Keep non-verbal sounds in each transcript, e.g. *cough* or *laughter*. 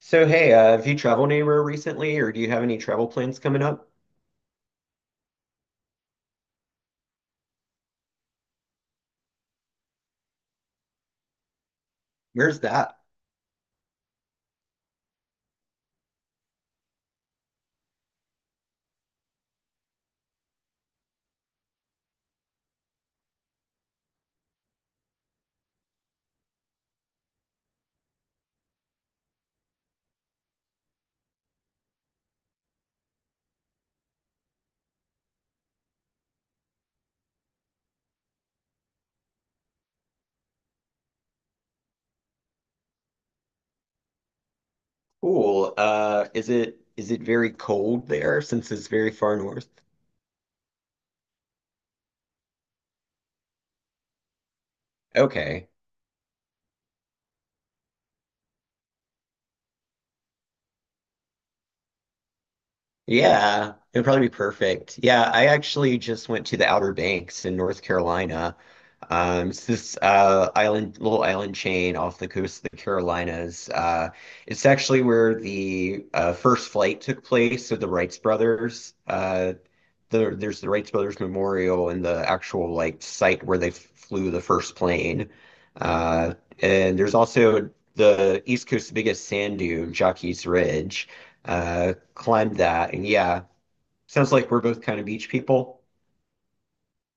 So, hey, have you traveled anywhere recently, or do you have any travel plans coming up? Where's that? Cool. Is it very cold there since it's very far north? Okay. Yeah, it'd probably be perfect. Yeah, I actually just went to the Outer Banks in North Carolina. It's this island, little island chain off the coast of the Carolinas. It's actually where the first flight took place of the Wrights brothers. There's the Wright Brothers Memorial and the actual like site where they flew the first plane. Uh, and there's also the East Coast's biggest sand dune, Jockey's Ridge. Climbed that, and yeah, sounds like we're both kind of beach people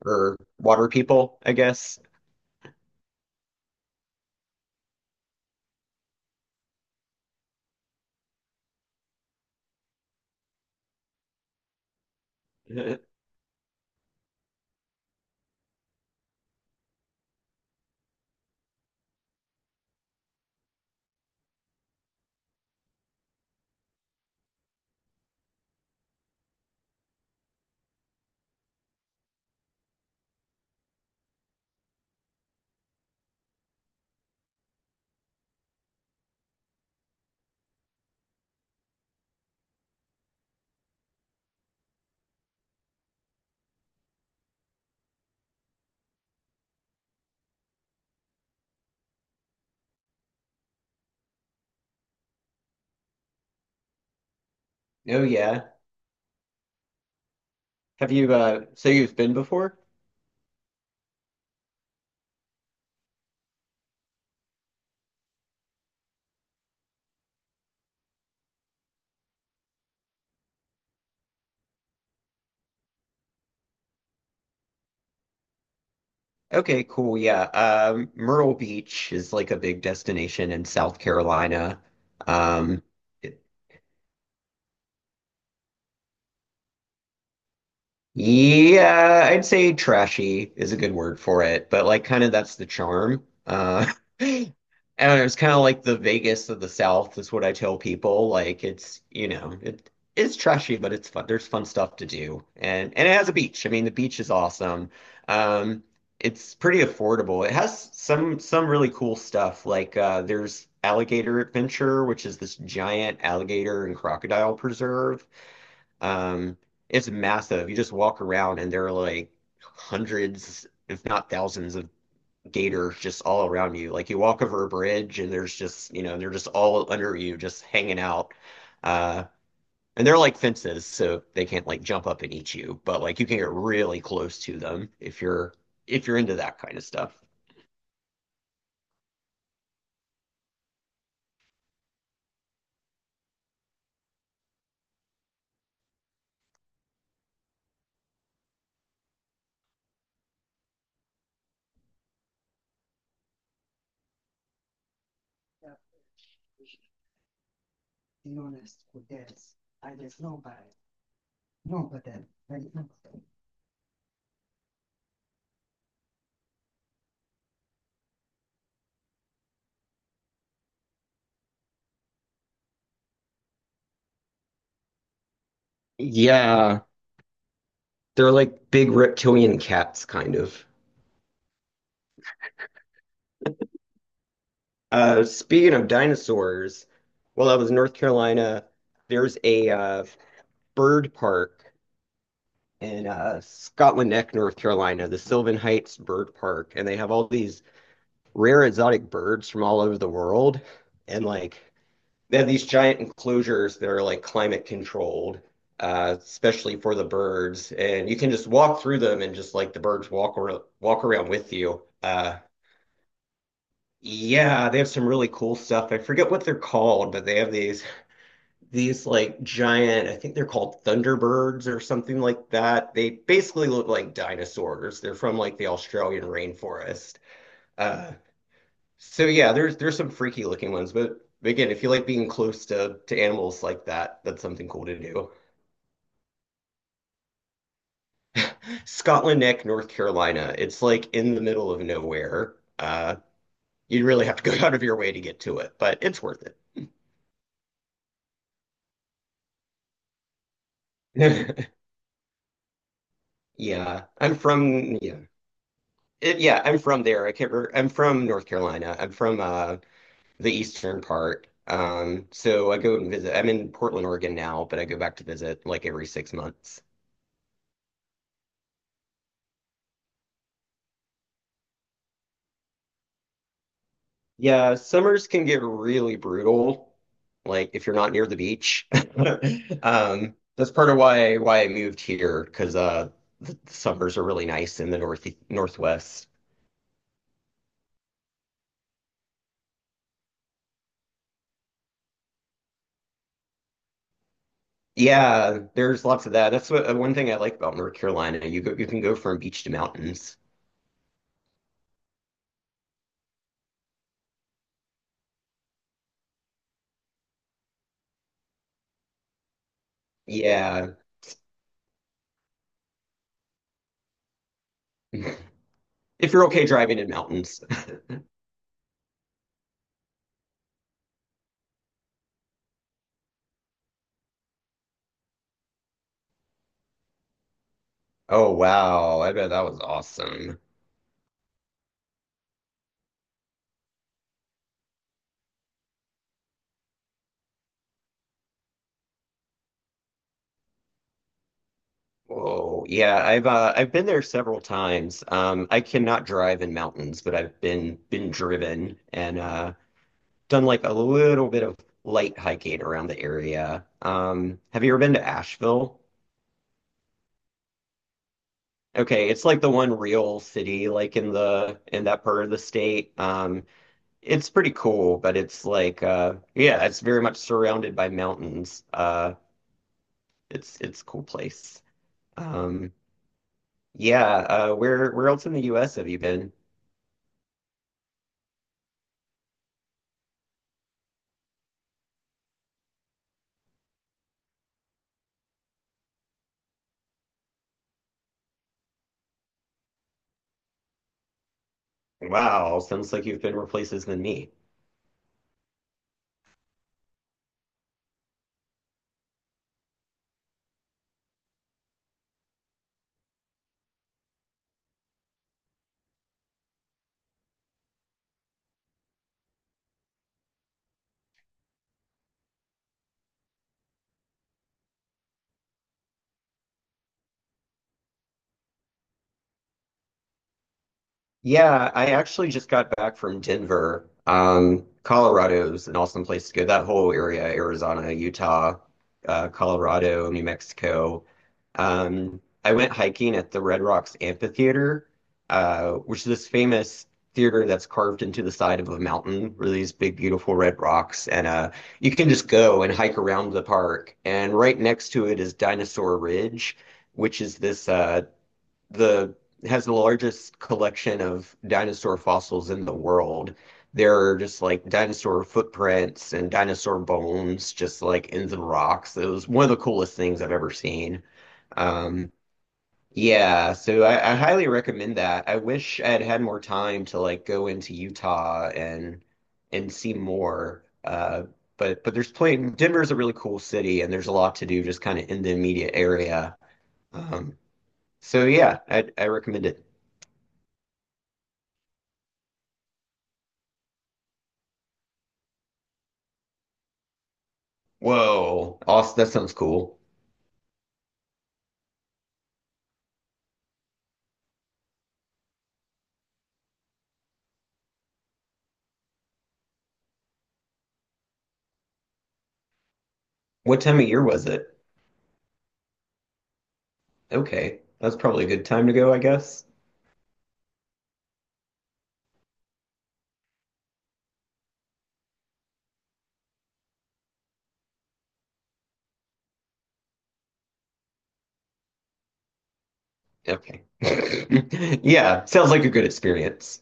or water people, I guess. *laughs* Oh yeah. Have you so you've been before? Okay, cool. Yeah. Myrtle Beach is like a big destination in South Carolina. Um Yeah, I'd say trashy is a good word for it, but like kind of that's the charm. *laughs* I don't know, it's kind of like the Vegas of the South is what I tell people. Like it's, you know, it's trashy, but it's fun. There's fun stuff to do. And it has a beach. I mean, the beach is awesome. Um it's pretty affordable. It has some really cool stuff. Like there's Alligator Adventure, which is this giant alligator and crocodile preserve. Um, it's massive. You just walk around and there are like hundreds, if not thousands, of gators just all around you. Like you walk over a bridge and there's just, you know, they're just all under you, just hanging out. Uh, and they're like fences, so they can't like jump up and eat you, but like you can get really close to them if you're into that kind of stuff. Yeah, they're like big reptilian cats, kind of. Speaking of dinosaurs, while I was in North Carolina, there's a bird park in Scotland Neck, North Carolina, the Sylvan Heights Bird Park, and they have all these rare exotic birds from all over the world, and like they have these giant enclosures that are like climate controlled, especially for the birds, and you can just walk through them and just like the birds walk around with you. Yeah, they have some really cool stuff. I forget what they're called, but they have these like giant, I think they're called Thunderbirds or something like that. They basically look like dinosaurs. They're from like the Australian rainforest. Uh, so yeah, there's some freaky looking ones, but again, if you like being close to animals like that, that's something cool to do. Scotland Neck, North Carolina. It's like in the middle of nowhere. You'd really have to go *laughs* out of your way to get to it, but it's worth it. *laughs* Yeah, I'm from yeah. It, yeah, I'm from there. I can't remember. I'm from North Carolina. I'm from the eastern part. So I go and visit. I'm in Portland, Oregon now, but I go back to visit like every 6 months. Yeah, summers can get really brutal, like if you're not near the beach. *laughs* That's part of why I moved here because the summers are really nice in the north northwest. Yeah, there's lots of that. That's what one thing I like about North Carolina. You go, you can go from beach to mountains. Yeah, *laughs* if you're okay driving in mountains. Oh wow, I bet that was awesome. Whoa. Yeah, I've been there several times. I cannot drive in mountains, but I've been driven and done like a little bit of light hiking around the area. Have you ever been to Asheville? Okay, it's like the one real city like in the in that part of the state. It's pretty cool, but it's like yeah, it's very much surrounded by mountains. It's a cool place. Um, Yeah, where else in the US have you been? Wow, sounds like you've been more places than me. Yeah, I actually just got back from Denver. Colorado's an awesome place to go. That whole area, Arizona, Utah, Colorado, New Mexico. I went hiking at the Red Rocks Amphitheater, which is this famous theater that's carved into the side of a mountain, where these big, beautiful red rocks. And you can just go and hike around the park. And right next to it is Dinosaur Ridge, which is this the has the largest collection of dinosaur fossils in the world. There are just like dinosaur footprints and dinosaur bones just like in the rocks. It was one of the coolest things I've ever seen. Um, yeah, so I highly recommend that. I wish I'd had more time to like go into Utah and see more. But there's plenty. Denver's a really cool city, and there's a lot to do just kind of in the immediate area. Um, so yeah, I recommend it. Whoa. Awesome. That sounds cool. What time of year was it? Okay. That's probably a good time to go, I guess. Okay. *laughs* Yeah, sounds like a good experience.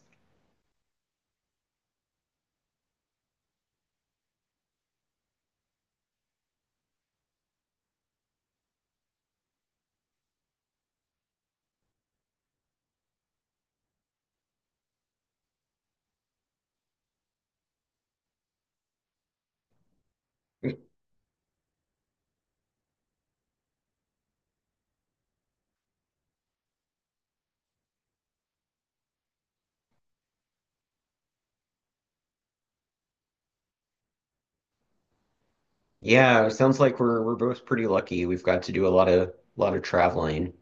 Yeah, sounds like we're both pretty lucky. We've got to do a lot of traveling.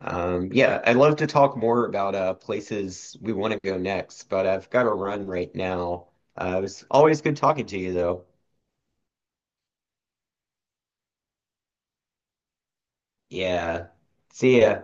Yeah, I'd love to talk more about places we want to go next, but I've got to run right now. It was always good talking to you, though. Yeah. See ya.